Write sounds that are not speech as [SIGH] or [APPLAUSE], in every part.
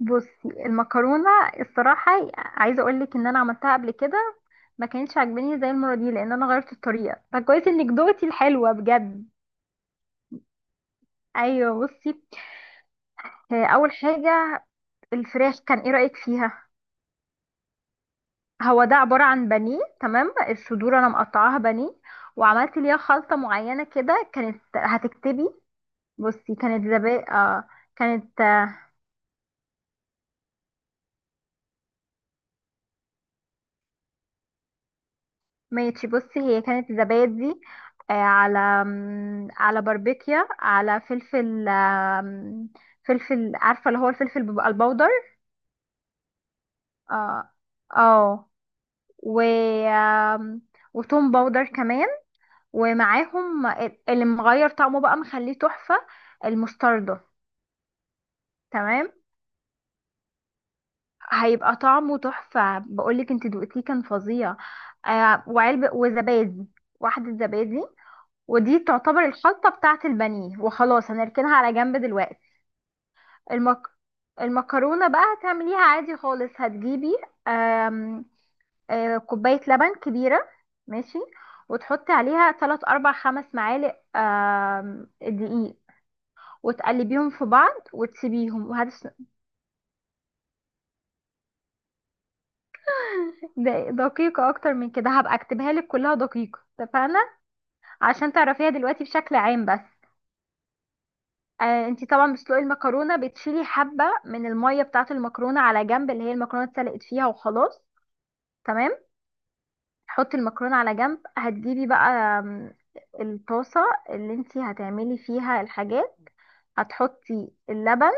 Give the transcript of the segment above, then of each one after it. بصي، المكرونه، الصراحه عايزه اقول لك ان انا عملتها قبل كده. ما كانتش عاجباني زي المره دي لان انا غيرت الطريقه، فكويس انك دوقتي الحلوه بجد. ايوه بصي، اول حاجه الفراخ كان ايه رايك فيها؟ هو ده عباره عن بانيه، تمام. الصدور انا مقطعاها بانيه وعملت ليها خلطه معينه كده، كانت هتكتبي. بصي كانت زبادي، كانت، ماشي بصي هي كانت زبادي، على باربيكيا، على فلفل، فلفل، عارفة اللي هو الفلفل بيبقى البودر. اه، اه، و وتوم باودر كمان، ومعاهم اللي مغير طعمه بقى مخليه تحفة، المستردة. تمام، هيبقى طعمه تحفة، بقولك انت دوقتيه كان فظيع. آه وعلبة وزبادي، واحدة زبادي، ودي تعتبر الخلطة بتاعة البانيه، وخلاص هنركنها على جنب دلوقتي. المك... المكرونة بقى هتعمليها عادي خالص، هتجيبي آم... آه، كوباية لبن كبيرة، ماشي، وتحطي عليها 3 4 5 معالق دقيق، وتقلبيهم في بعض وتسيبيهم [LAUGHS] دقيقة أكتر من كده هبقى أكتبها لك كلها دقيقة، اتفقنا. عشان تعرفيها دلوقتي بشكل عام بس. آه، انتي طبعا بتسلقي المكرونه، بتشيلي حبه من الميه بتاعه المكرونه على جنب، اللي هي المكرونه اتسلقت فيها وخلاص. تمام، حطي المكرونه على جنب، هتجيبي بقى آم، الطاسه اللي انتي هتعملي فيها الحاجات، هتحطي اللبن،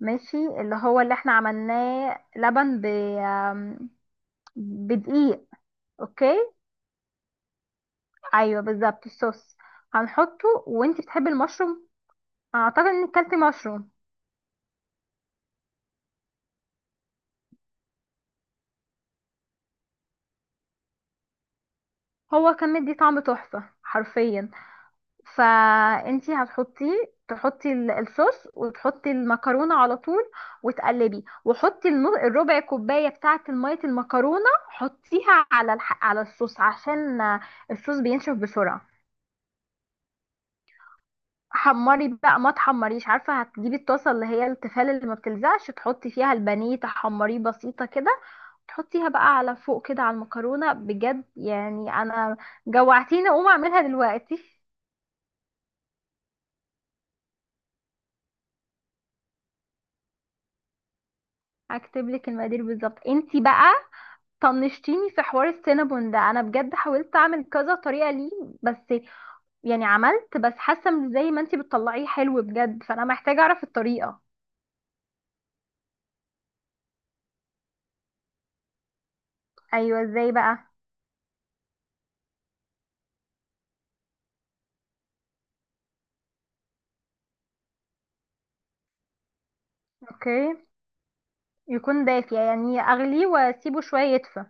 ماشي، اللي هو اللي احنا عملناه لبن ب آم، بدقيق. اوكي، ايوه بالظبط الصوص هنحطه، وانتي بتحبي المشروم، اعتقد انك كلتي مشروم. هو كان مدي طعم تحفه حرفيا، فانتي هتحطيه، تحطي الصوص وتحطي المكرونه على طول، وتقلبي وحطي الربع كوبايه بتاعه الميه المكرونه، حطيها على على الصوص عشان الصوص بينشف بسرعه. حمري بقى، ما تحمريش، عارفه هتجيبي الطاسه اللي هي التيفال اللي ما بتلزقش، تحطي فيها البانيه تحمريه بسيطه كده، تحطيها بقى على فوق كده على المكرونه، بجد يعني انا جوعتيني، اقوم اعملها دلوقتي. هكتب لك المقادير بالظبط. انتي بقى طنشتيني في حوار السينابون ده، انا بجد حاولت اعمل كذا طريقه ليه، بس يعني عملت بس حاسه إن زي ما انتي بتطلعيه حلو بجد، فانا محتاجه اعرف الطريقه. ايوه ازاي بقى؟ اوكي. يكون دافي يعني اغليه واسيبه شويه يدفى.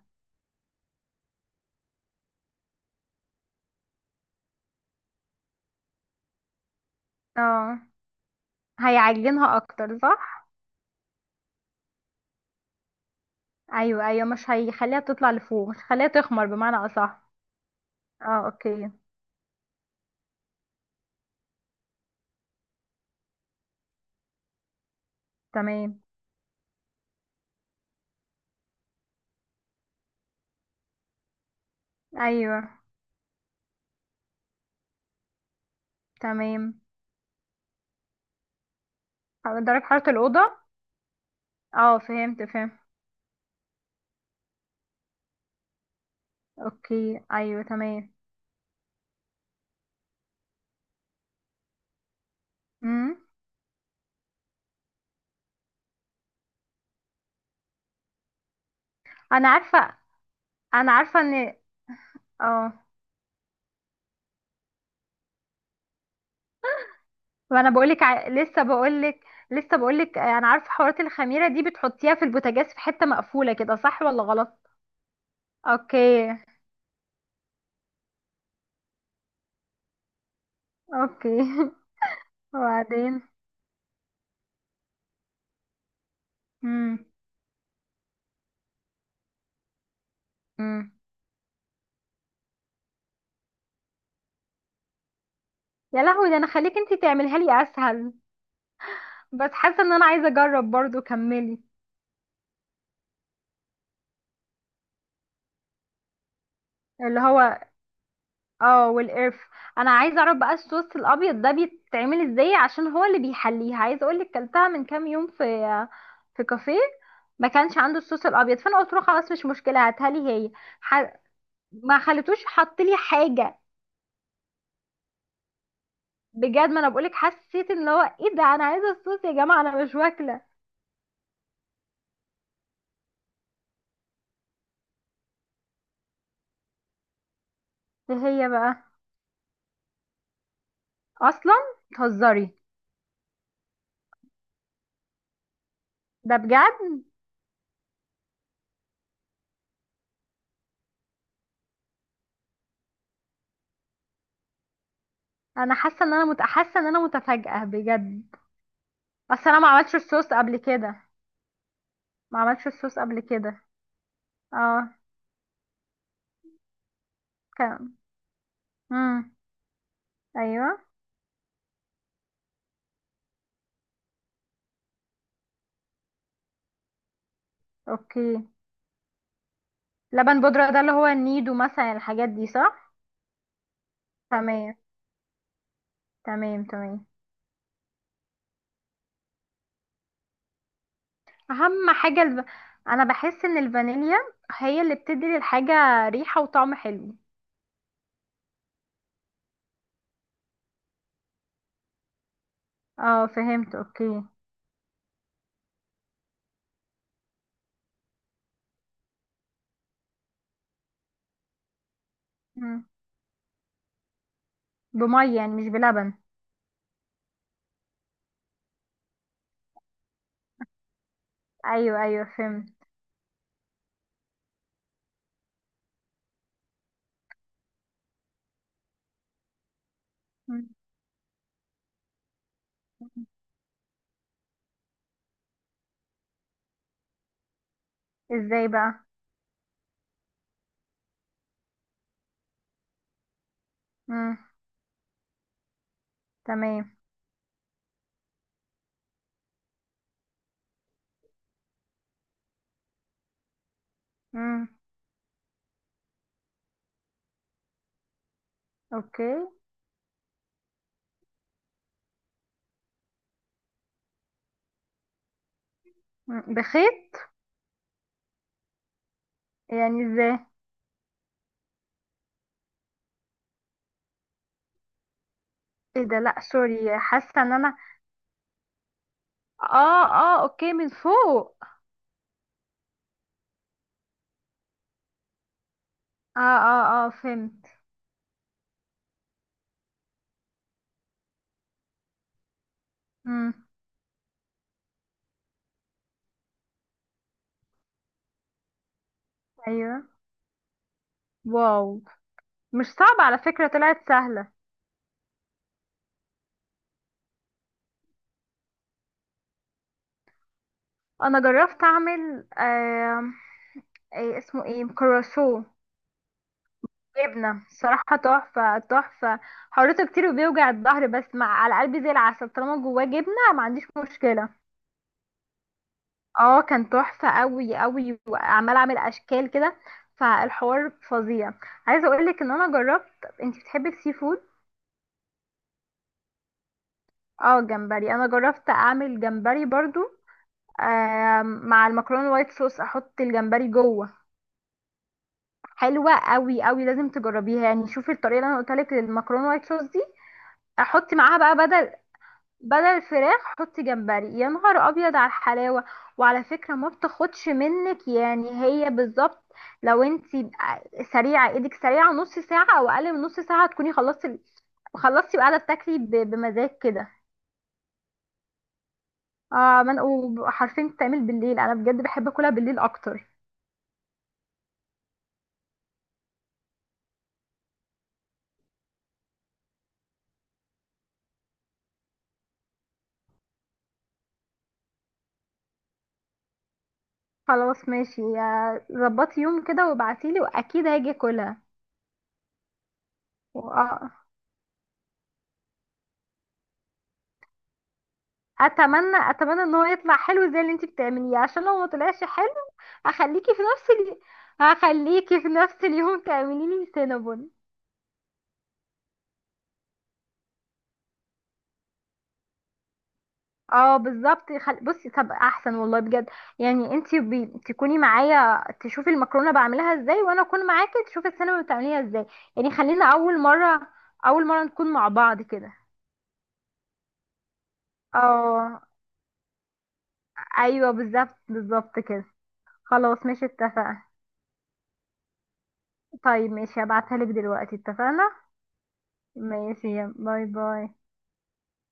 اه، هيعجنها اكتر صح؟ ايوه ايوه، مش هيخليها تطلع لفوق، مش هيخليها تخمر بمعنى اصح. اه، اوكي، تمام. ايوه، تمام. درجه حراره الاوضه. اه فهمت فهمت. اوكي ايوه تمام. مم. انا عارفه انا عارفه ان، اه. وانا بقولك ع... لسه بقولك لسه بقولك انا عارفه حوارات الخميره دي، بتحطيها في البوتاجاز في حته مقفوله كده، صح ولا غلط؟ اوكي، اوكي. [LAUGHS] وبعدين امم. امم. يا لهوي، ده انا خليك انتي تعمليها لي اسهل، بس حاسه ان انا عايزه اجرب برضو، كملي. اللي هو اه والقرف، انا عايزه اعرف بقى الصوص الابيض ده بيتعمل ازاي عشان هو اللي بيحليها. عايزه اقول لك كلتها من كام يوم في في كافيه ما كانش عنده الصوص الابيض، فانا قلت له خلاص مش مشكله، هاتها لي هي. ح... ما خلتوش حط لي حاجه. بجد، ما انا بقول لك حسيت ان هو ايه ده، انا عايزه الصوص يا جماعه، انا مش واكله. ايه هي بقى، اصلا؟ بتهزري؟ ده بجد. انا حاسه ان انا متفاجئه بجد. اصل انا ما عملتش الصوص قبل كده، ما عملتش الصوص قبل كده. اه. امم. ايوه. اوكي، لبن بودرة ده اللي هو النيدو مثلا، الحاجات دي صح؟ تمام، تمام تمام. اهم حاجة الب... انا بحس ان الفانيليا هي اللي بتدي للحاجة ريحة وطعم حلو. اه فهمت، اوكي. مم. بمية يعني مش بلبن؟ ايوه ايوه فهمت. مم. ازاي بقى؟ مم. تمام. مم. اوكي. مم. بخيط. يعني ازاي؟ ايه ده؟ لا سوري، حاسة ان انا اه اه اوكي، من فوق. اه اه اه فهمت. امم. ايوه. واو، مش صعبة على فكرة، طلعت سهلة. انا جربت اعمل ايه اسمه، ايه، كروسو، جبنة الصراحة تحفة تحفة. حرته كتير وبيوجع الظهر، بس مع على قلبي زي العسل، طالما جواه جبنة ما عنديش مشكلة. اه، كان تحفة قوي قوي، وعمال اعمل اشكال كده، فالحوار فظيع. عايزة اقولك ان انا جربت، انت بتحبي السي فود. اه جمبري، انا جربت اعمل جمبري برضو، آه مع المكرونه الوايت صوص، احط الجمبري جوه. حلوه قوي قوي، لازم تجربيها. يعني شوفي الطريقه اللي انا قلت لك للمكرونه الوايت صوص دي، احط معاها بقى بدل، بدل الفراخ، حطي جمبري. يا نهار ابيض على الحلاوه. وعلى فكره، ما بتاخدش منك يعني، هي بالظبط لو انتي سريعه، ايدك سريعه، نص ساعه او اقل من نص ساعه تكوني خلصتي، خلصتي وقاعده بتاكلي بمزاج كده. اه، وحرفيا بتتعمل بالليل، انا بجد بحب اكلها بالليل اكتر. خلاص ماشي، ظبطي يوم كده وابعتيلي واكيد هاجي اكلها. وأ- اتمنى ان هو يطلع حلو زي اللي انتي بتعمليه، عشان لو ما طلعش حلو، هخليكي في نفس ال... هخليكي في نفس اليوم تعملي لي سينابون. اه بالظبط. بصي طب احسن والله بجد، يعني انتي تكوني معايا تشوفي المكرونه بعملها ازاي، وانا اكون معاكي تشوفي السينابون بتعمليها ازاي. يعني خلينا اول مره نكون مع بعض كده. اه ايوه، بالظبط بالظبط كده. خلاص ماشي اتفقنا. طيب ماشي هبعتها لك دلوقتي، اتفقنا. ماشي، يلا، باي باي.